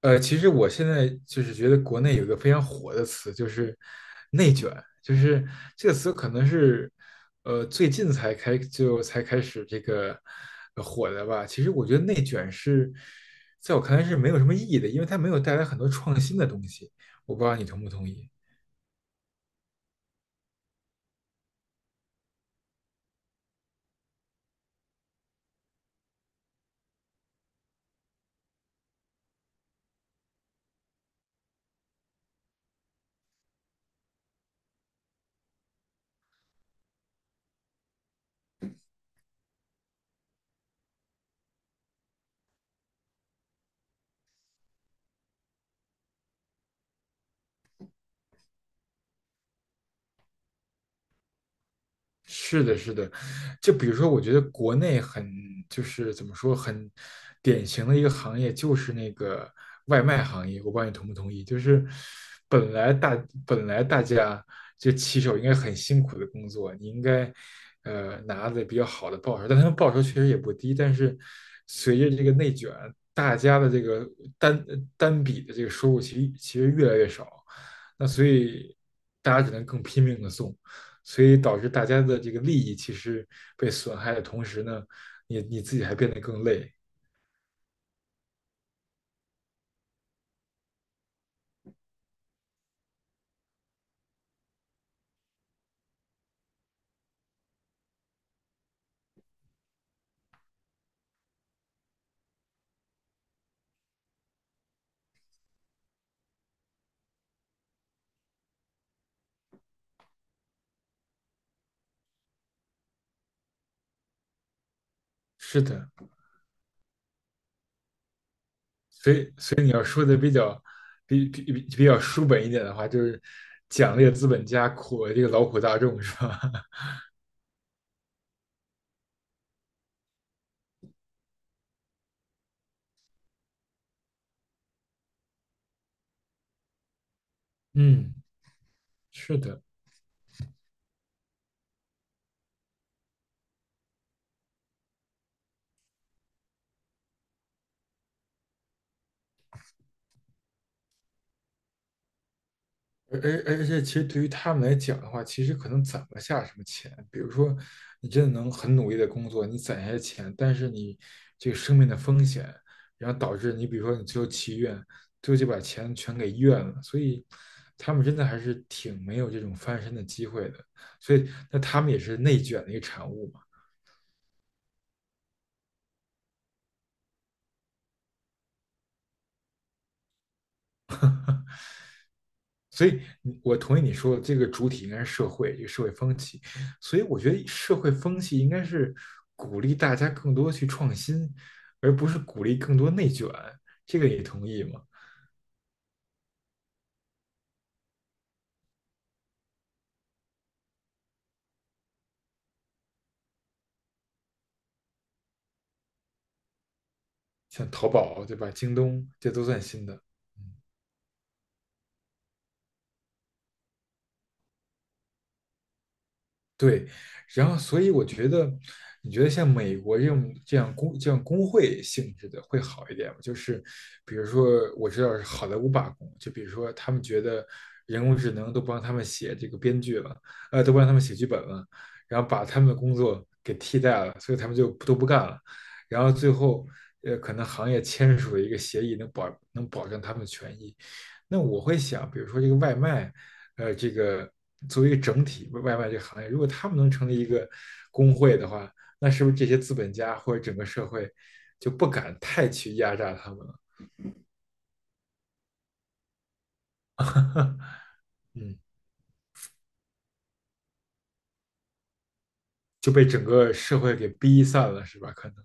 其实我现在就是觉得国内有一个非常火的词，就是"内卷"，就是这个词可能是最近才开始这个火的吧。其实我觉得"内卷"是在我看来是没有什么意义的，因为它没有带来很多创新的东西。我不知道你同不同意。是的，是的，就比如说，我觉得国内就是怎么说，很典型的一个行业就是那个外卖行业。我不知道你同不同意，就是本来大本来大家就骑手应该很辛苦的工作，你应该拿的比较好的报酬，但他们报酬确实也不低。但是随着这个内卷，大家的这个单单笔的这个收入其实越来越少，那所以大家只能更拼命的送。所以导致大家的这个利益其实被损害的同时呢，你自己还变得更累。是的，所以你要说的比较比较书本一点的话，就是奖励资本家，苦了这个劳苦大众，是吧？嗯，是的。而且，其实对于他们来讲的话，其实可能攒不下什么钱。比如说，你真的能很努力的工作，你攒下钱，但是你这个生命的风险，然后导致你，比如说你最后去医院，最后就把钱全给医院了。所以，他们真的还是挺没有这种翻身的机会的。所以，那他们也是内卷的一个产物。嘛。所以我同意你说的，这个主体应该是社会，这个社会风气。所以，我觉得社会风气应该是鼓励大家更多去创新，而不是鼓励更多内卷。这个你同意吗？像淘宝，对吧？京东，这都算新的。嗯，对，然后所以我觉得，你觉得像美国这种这样工会性质的会好一点吗？就是比如说，我知道是好莱坞罢工，就比如说他们觉得人工智能都帮他们写这个编剧了，都帮他们写剧本了，然后把他们的工作给替代了，所以他们就都不干了，然后最后可能行业签署了一个协议，能保证他们的权益。那我会想，比如说这个外卖，这个作为一个整体外卖这个行业，如果他们能成立一个工会的话，那是不是这些资本家或者整个社会就不敢太去压榨他们了？嗯，就被整个社会给逼散了，是吧？可能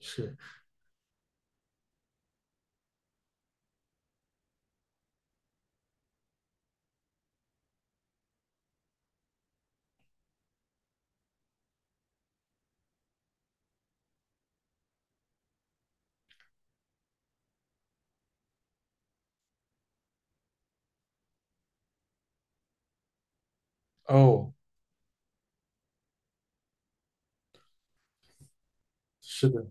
是。哦，是的，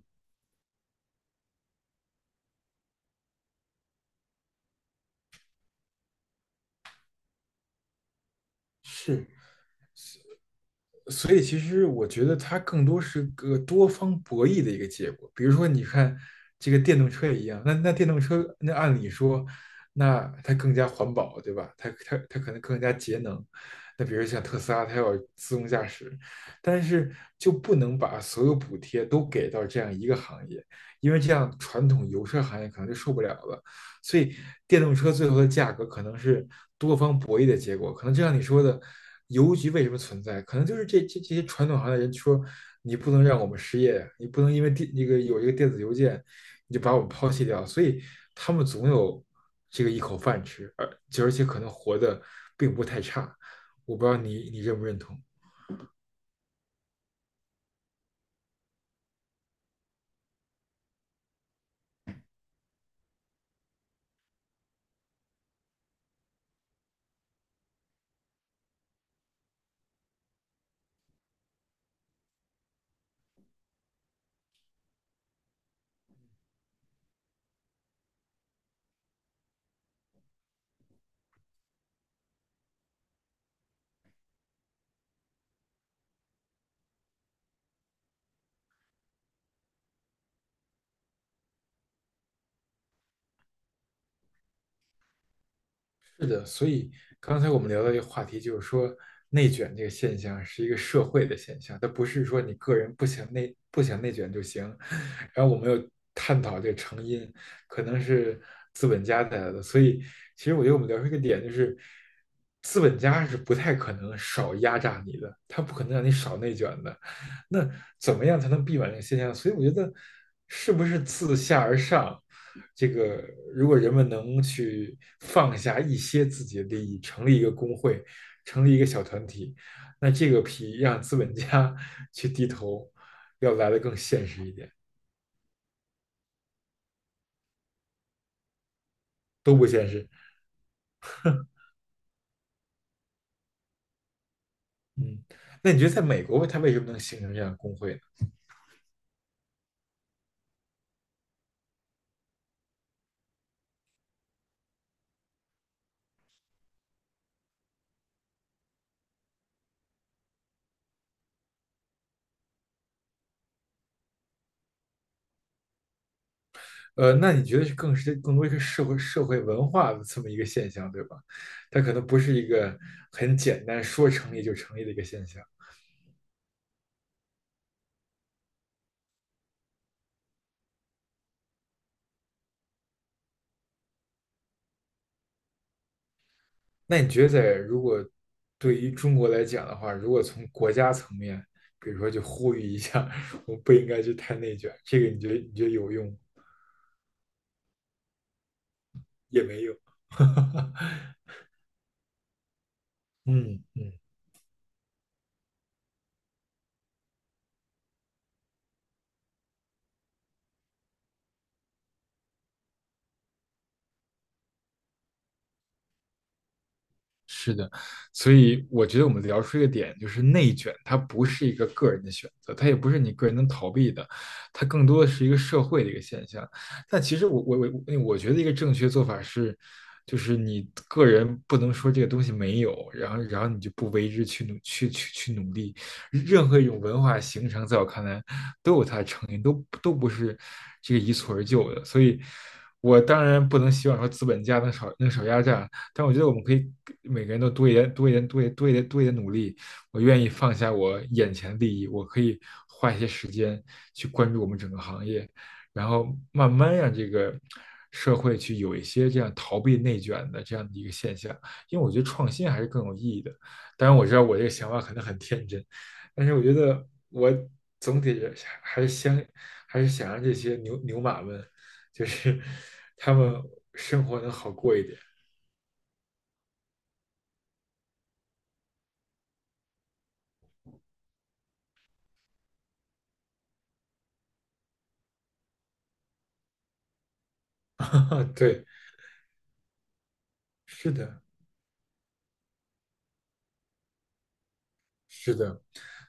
是。所以其实我觉得它更多是个多方博弈的一个结果。比如说，你看这个电动车也一样，那电动车，那按理说，那它更加环保，对吧？它可能更加节能。那比如像特斯拉，它要自动驾驶，但是就不能把所有补贴都给到这样一个行业，因为这样传统油车行业可能就受不了了。所以电动车最后的价格可能是方博弈的结果。可能就像你说的，邮局为什么存在？可能就是这这些传统行业人说，你不能让我们失业，你不能因为那个有一个电子邮件，你就把我们抛弃掉。所以他们总有这个一口饭吃，而且可能活得并不太差。我不知道你认不认同。是的，所以刚才我们聊到一个话题，就是说内卷这个现象是一个社会的现象，它不是说你个人不想内卷就行。然后我们又探讨这个成因，可能是资本家带来的。所以其实我觉得我们聊出一个点，就是资本家是不太可能少压榨你的，他不可能让你少内卷的。那怎么样才能避免这个现象？所以我觉得，是不是自下而上，这个如果人们能去放下一些自己的利益，成立一个工会，成立一个小团体，那这个比让资本家 去低头要来的更现实一点，都不现实。嗯，那你觉得在美国，它为什么能形成这样的工会那你觉得是更多一个社会文化的这么一个现象，对吧？它可能不是一个很简单说成立就成立的一个现象。那你觉得如果对于中国来讲的话，如果从国家层面，比如说就呼吁一下，我们不应该去太内卷，这个你觉得有用也没用？嗯嗯。是的，所以我觉得我们聊出一个点，就是内卷，它不是一个个人的选择，它也不是你个人能逃避的，它更多的是一个社会的一个现象。但其实我觉得一个正确做法是，就是你个人不能说这个东西没有，然后你就不为之去努力。任何一种文化形成，在我看来都有它的成因，都不是这个一蹴而就的。所以，我当然不能希望说资本家能少压榨，但我觉得我们可以每个人都多一点、多一点、多一点、多一点、多一点努力。我愿意放下我眼前的利益，我可以花一些时间去关注我们整个行业，然后慢慢让这个社会去有一些这样逃避内卷的这样的一个现象。因为我觉得创新还是更有意义的。当然，我知道我这个想法可能很天真，但是我觉得我总体还是想还是想让这些牛牛马们，就是 他们生活能好过一点。啊，对，是的，是的，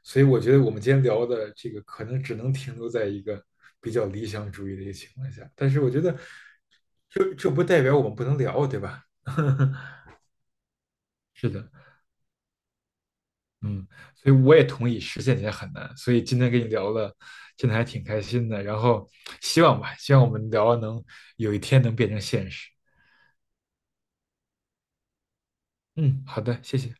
所以我觉得我们今天聊的这个可能只能停留在一个比较理想主义的一个情况下，但是我觉得这不代表我们不能聊，对吧？是的，嗯，所以我也同意实现起来很难，所以今天跟你聊了，真的还挺开心的，然后希望吧，希望我们聊能有一天能变成现实。嗯，好的，谢谢。